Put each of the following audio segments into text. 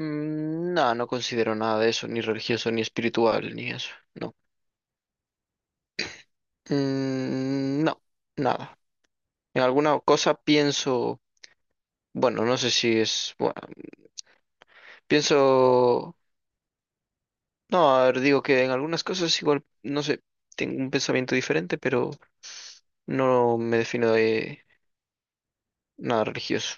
Mm. No, no considero nada de eso, ni religioso, ni espiritual, ni eso, no. Mm, no, nada. En alguna cosa pienso, bueno, no sé si es, bueno, pienso, no, a ver, digo que en algunas cosas igual, no sé, tengo un pensamiento diferente, pero no me defino de nada religioso.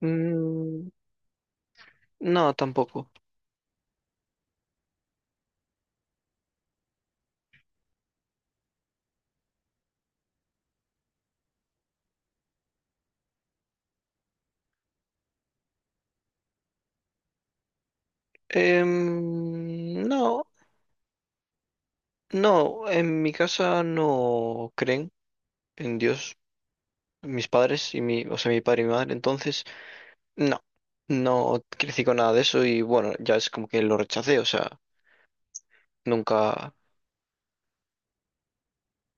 Mm, no, tampoco. No, no, en mi casa no creen en Dios. Mis padres y o sea, mi padre y mi madre, entonces, no, no crecí con nada de eso y bueno, ya es como que lo rechacé, o sea, nunca,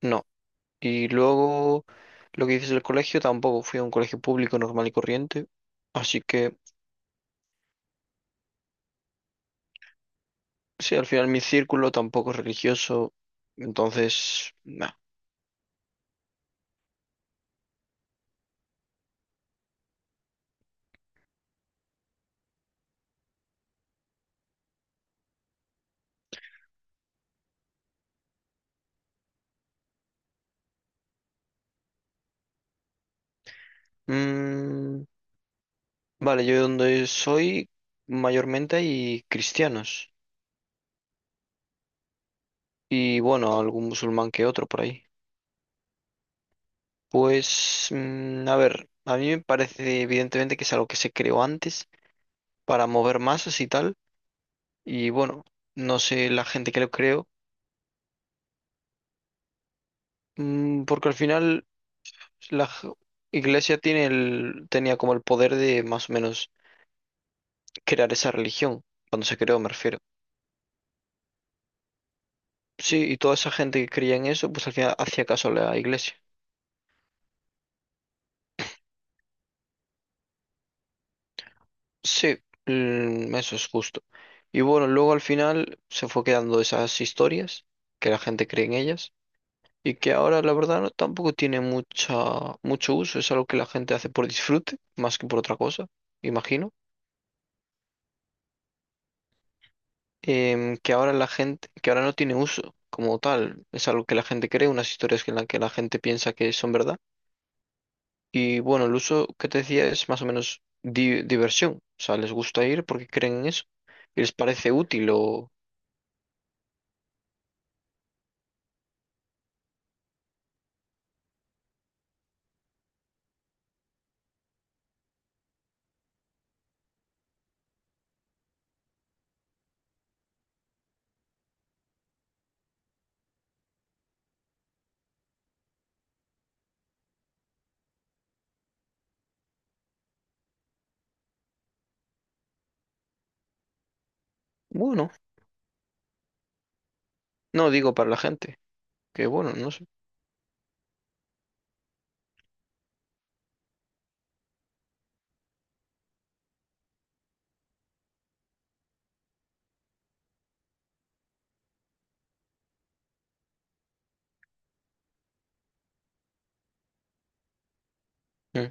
no. Y luego, lo que dices del colegio, tampoco fui a un colegio público normal y corriente, así que, sí, al final mi círculo tampoco es religioso, entonces, no. Mm. Vale, yo donde soy, mayormente hay cristianos y bueno, algún musulmán que otro por ahí. Pues, a ver, a mí me parece evidentemente que es algo que se creó antes para mover masas y tal. Y bueno, no sé la gente que lo creó. Porque al final la iglesia tenía como el poder de más o menos crear esa religión, cuando se creó, me refiero. Sí, y toda esa gente que creía en eso, pues al final hacía caso a la iglesia. Sí, eso es justo. Y bueno, luego al final se fue quedando esas historias, que la gente cree en ellas. Y que ahora la verdad no, tampoco tiene mucho uso, es algo que la gente hace por disfrute, más que por otra cosa, imagino. Que ahora no tiene uso como tal, es algo que la gente cree, unas historias que en las que la gente piensa que son verdad, y bueno, el uso que te decía es más o menos diversión, o sea, les gusta ir porque creen en eso, y les parece útil o bueno, no digo para la gente, que bueno, no sé. Mm.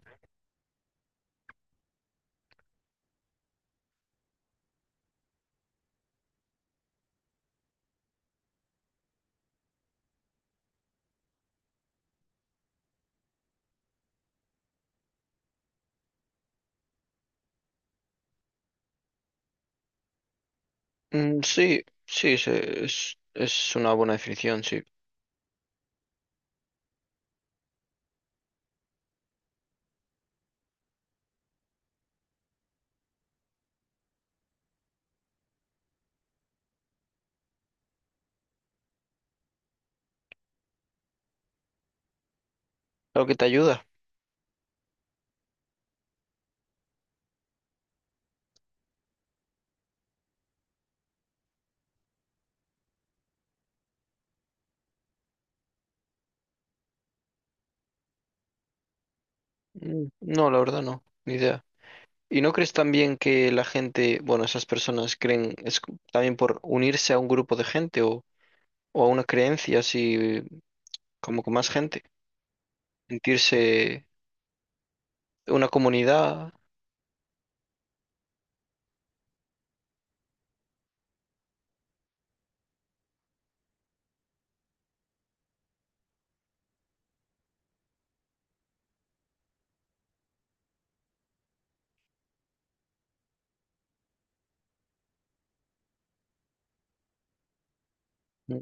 Mm, sí, sí, es una buena definición, sí. Algo que te ayuda. Mm, no, la verdad no, ni idea. ¿Y no crees también que la gente, bueno, esas personas creen, también por unirse a un grupo de gente o a una creencia así, como con más gente? Sentirse una comunidad. Mm.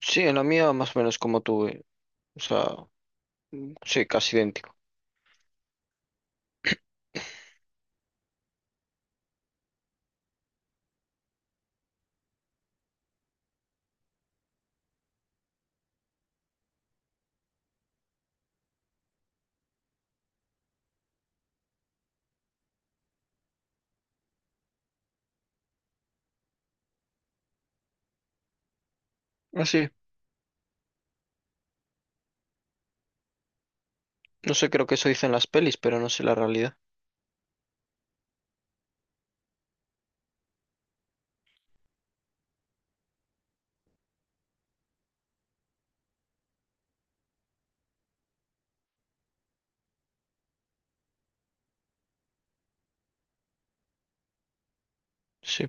Sí, en la mía más o menos como tú, o sea, sí, casi idéntico. Así, no sé, creo que eso dicen las pelis, pero no sé la realidad. Sí.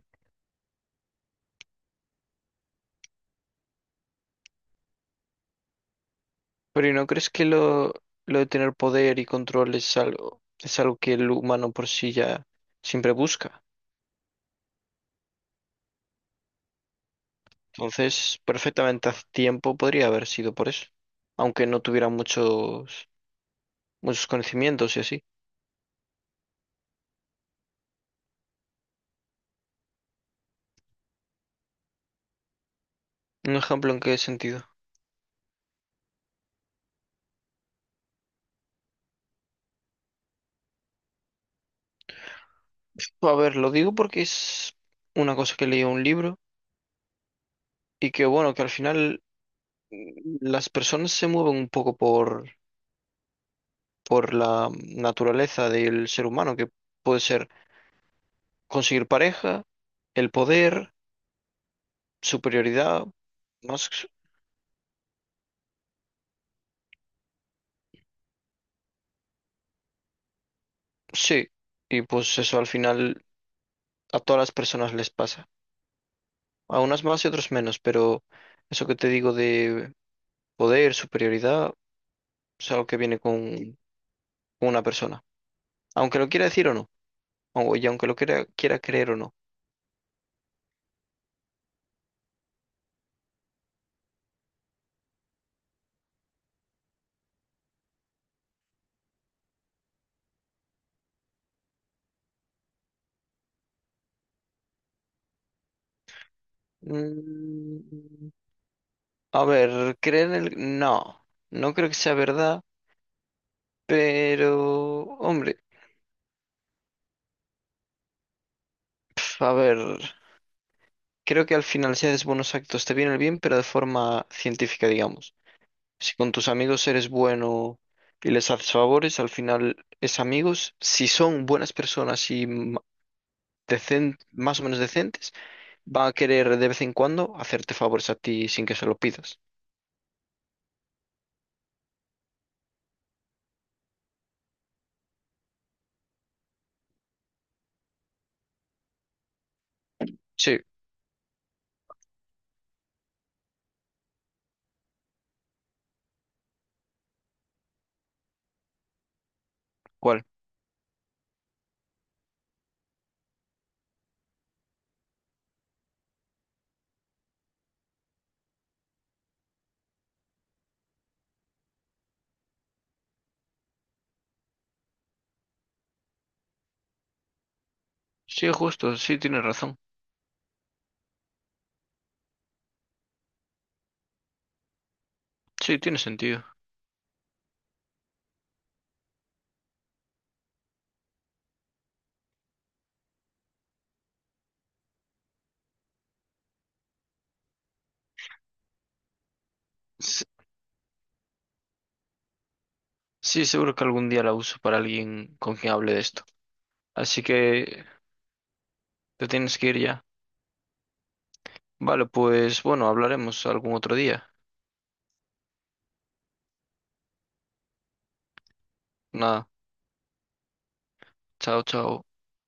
Pero, ¿y no crees que lo de tener poder y control es algo que el humano por sí ya siempre busca? Entonces, perfectamente hace tiempo podría haber sido por eso, aunque no tuviera muchos, muchos conocimientos y así. ¿Un ejemplo en qué sentido? A ver, lo digo porque es una cosa que leí en un libro y que, bueno, que al final las personas se mueven un poco por la naturaleza del ser humano, que puede ser conseguir pareja, el poder, superioridad, más, sí. Y pues eso al final a todas las personas les pasa. A unas más y otros menos, pero eso que te digo de poder, superioridad, es algo que viene con una persona. Aunque lo quiera decir o no, y aunque lo quiera creer o no. Mm, a ver, creer en el— No, no creo que sea verdad, pero— Hombre, pf, a ver, creo que al final si haces buenos actos te viene el bien, pero de forma científica, digamos. Si con tus amigos eres bueno y les haces favores, al final es amigos. Si son buenas personas y más o menos decentes, van a querer de vez en cuando hacerte favores a ti sin que se lo pidas. Sí, ¿cuál? Sí, justo, sí, tienes razón. Sí, tiene sentido. S- Sí, seguro que algún día la uso para alguien con quien hable de esto. Así que te tienes que ir ya. Vale, pues bueno, hablaremos algún otro día. Nada, chao, chao.